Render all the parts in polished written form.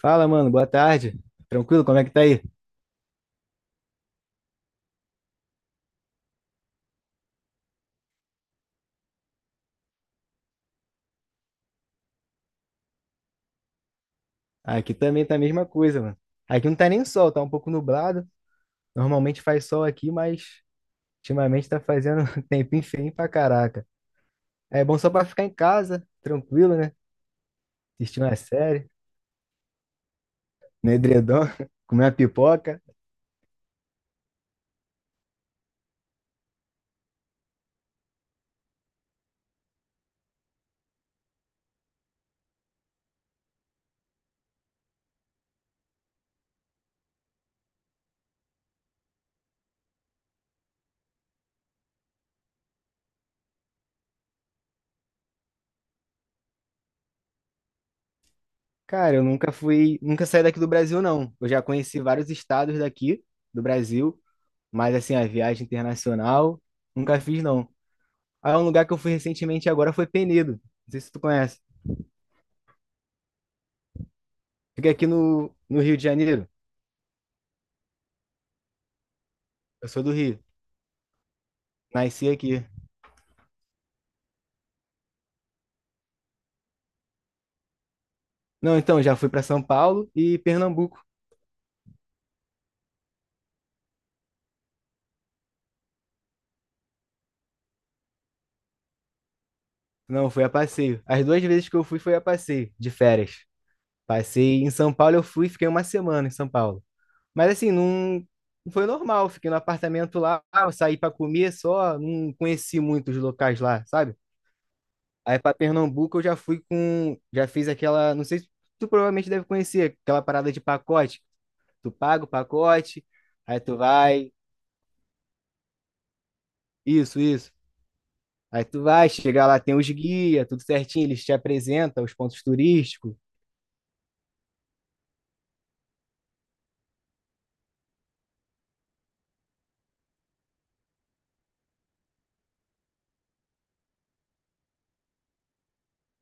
Fala, mano, boa tarde. Tranquilo, como é que tá aí? Aqui também tá a mesma coisa, mano. Aqui não tá nem sol, tá um pouco nublado. Normalmente faz sol aqui, mas ultimamente tá fazendo tempo tempinho feio pra caraca. É bom só pra ficar em casa, tranquilo, né? Assistir uma série, no edredom, comer uma pipoca. Cara, eu nunca fui, nunca saí daqui do Brasil, não. Eu já conheci vários estados daqui do Brasil, mas assim, a viagem internacional, nunca fiz, não. Ah, um lugar que eu fui recentemente agora foi Penedo. Não sei se tu conhece. Fiquei aqui no Rio de Janeiro. Eu sou do Rio. Nasci aqui. Não, então, já fui para São Paulo e Pernambuco. Não, fui a passeio. As duas vezes que eu fui foi a passeio, de férias. Passei em São Paulo, eu fui, e fiquei uma semana em São Paulo. Mas assim, não, não foi normal. Fiquei no apartamento lá, eu saí para comer só, não conheci muitos locais lá, sabe? Aí para Pernambuco eu já já fiz aquela, não sei se tu provavelmente deve conhecer, aquela parada de pacote. Tu paga o pacote, aí tu vai, isso, isso. Aí tu vai, chegar lá, tem os guias, tudo certinho, eles te apresentam os pontos turísticos.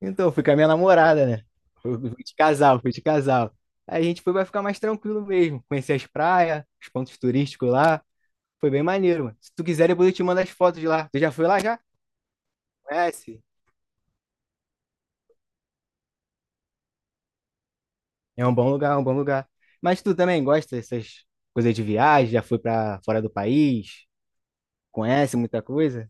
Então, eu fui com a minha namorada, né? Fui de casal, fui de casal. Aí a gente foi vai ficar mais tranquilo mesmo, conhecer as praias, os pontos turísticos lá. Foi bem maneiro, mano. Se tu quiser, depois eu te mando as fotos de lá. Tu já foi lá já? Conhece? É um bom lugar, é um bom lugar. Mas tu também gosta dessas coisas de viagem? Já foi pra fora do país? Conhece muita coisa?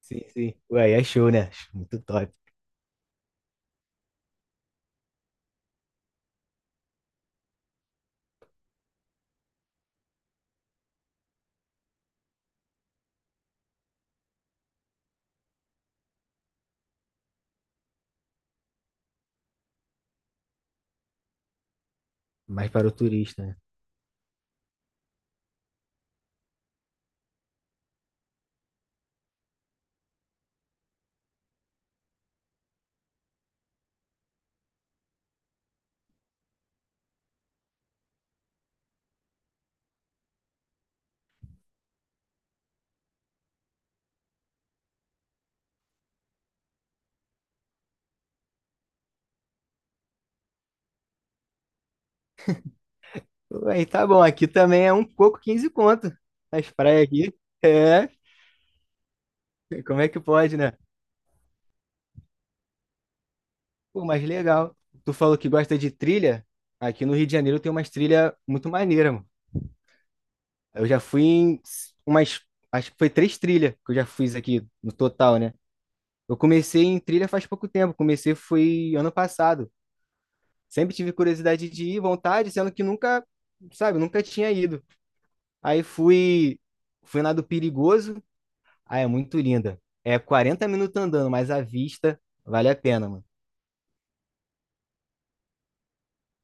Sim, sim. Ué, aí é show, né? Muito top. Mais para o turista, né? Aí tá bom, aqui também é um coco 15 conto. As praias aqui. É, como é que pode, né? Pô, mas legal. Tu falou que gosta de trilha. Aqui no Rio de Janeiro tem umas trilhas muito maneiras, mano. Eu já fui em umas. Acho que foi três trilhas que eu já fiz aqui no total, né? Eu comecei em trilha faz pouco tempo. Comecei foi ano passado. Sempre tive curiosidade de ir, vontade, sendo que nunca, sabe, nunca tinha ido. Aí fui na do Perigoso. Ah, é muito linda. É 40 minutos andando, mas a vista vale a pena, mano.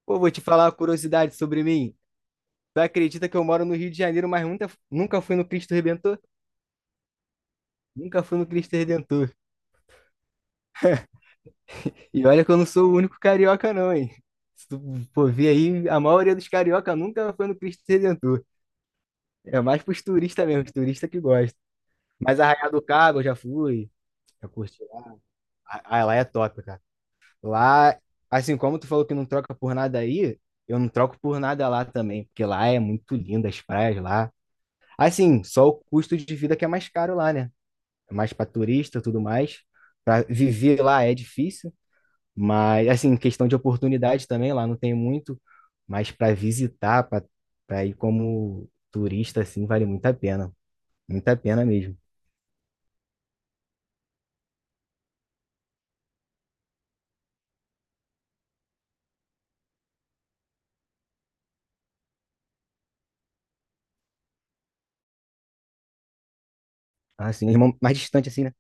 Pô, vou te falar uma curiosidade sobre mim. Tu acredita que eu moro no Rio de Janeiro, mas nunca, nunca fui no Cristo Redentor? Nunca fui no Cristo Redentor. E olha que eu não sou o único carioca, não, hein? Se tu for ver aí, a maioria dos carioca nunca foi no Cristo Redentor. É mais pros turistas mesmo, os turistas que gostam. Mas Arraial do Cabo eu já fui, já curti. Ah, lá é top, cara. Lá, assim como tu falou que não troca por nada aí, eu não troco por nada lá também, porque lá é muito lindo as praias lá. Assim, só o custo de vida que é mais caro lá, né? É mais para turista, tudo mais. Para viver lá é difícil, mas assim, questão de oportunidade também lá não tem muito, mas para visitar, para ir como turista assim, vale muito a pena, muita pena mesmo. Assim, mais distante assim, né?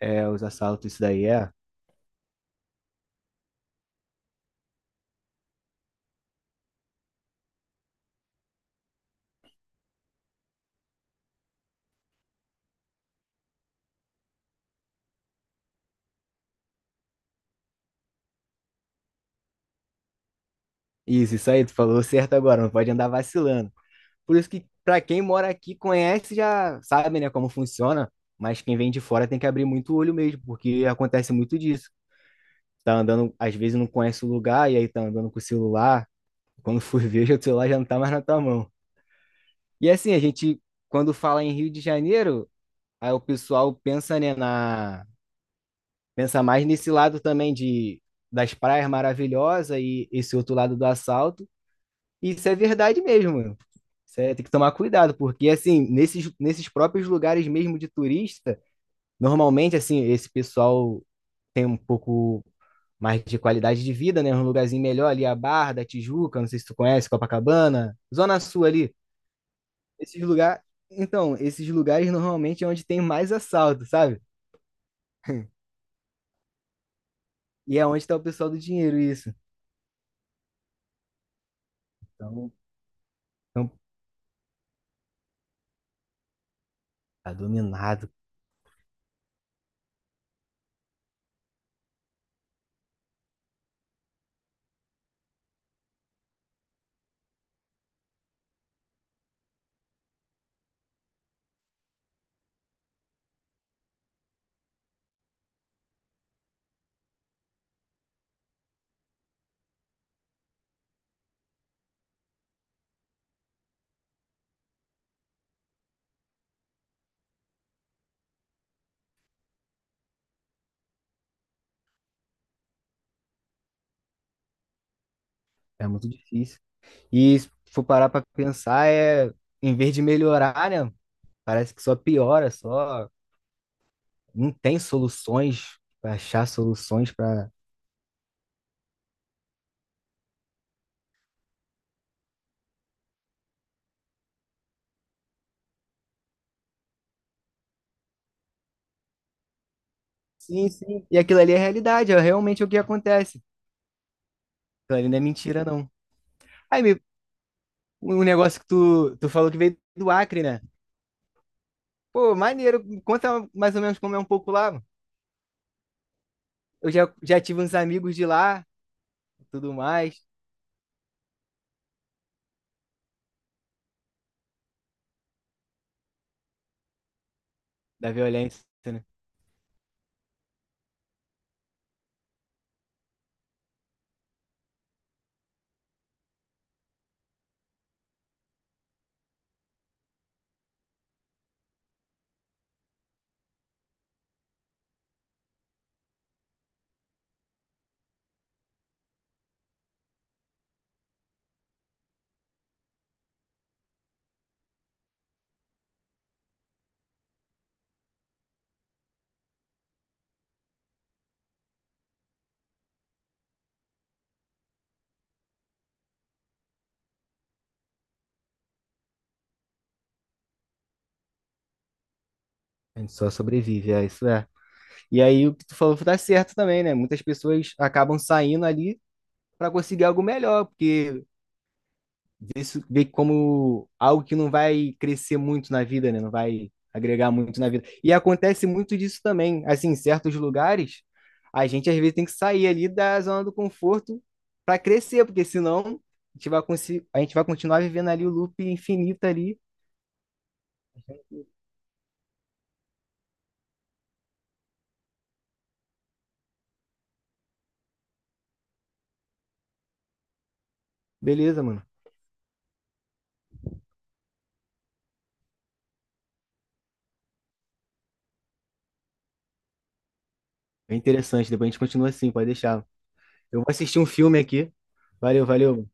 É, os assaltos, isso daí é. Isso aí, tu falou certo agora, não pode andar vacilando. Por isso que, para quem mora aqui, conhece, já sabe, né, como funciona. Mas quem vem de fora tem que abrir muito o olho mesmo, porque acontece muito disso. Tá andando, às vezes não conhece o lugar, e aí tá andando com o celular. Quando for ver, já o celular já não tá mais na tua mão. E assim, a gente, quando fala em Rio de Janeiro, aí o pessoal pensa, né, pensa mais nesse lado também de das praias maravilhosas e esse outro lado do assalto. E isso é verdade mesmo. Cê tem que tomar cuidado, porque assim, nesses próprios lugares mesmo de turista, normalmente assim, esse pessoal tem um pouco mais de qualidade de vida, né? Um lugarzinho melhor ali, a Barra da Tijuca, não sei se tu conhece, Copacabana, Zona Sul ali. Esses lugares, então, esses lugares normalmente é onde tem mais assalto, sabe? E é onde está o pessoal do dinheiro, isso. Então, então tá dominado, é muito difícil. E se for parar para pensar, é, em vez de melhorar, né? Parece que só piora, só não tem soluções para achar soluções para. Sim, sim. E aquilo ali é realidade, é realmente o que acontece. Aquilo ali não é mentira, não. Aí, me- Um negócio que tu falou que veio do Acre, né? Pô, maneiro, conta mais ou menos como é um pouco lá. Eu já tive uns amigos de lá, tudo mais, da violência, né? A gente só sobrevive, é isso é. E aí o que tu falou tá certo também, né? Muitas pessoas acabam saindo ali para conseguir algo melhor, porque vê como algo que não vai crescer muito na vida, né? Não vai agregar muito na vida. E acontece muito disso também. Assim, em certos lugares, a gente às vezes tem que sair ali da zona do conforto para crescer, porque senão a gente vai continuar vivendo ali o loop infinito ali. Beleza, mano. É interessante. Depois a gente continua assim, pode deixar. Eu vou assistir um filme aqui. Valeu, valeu.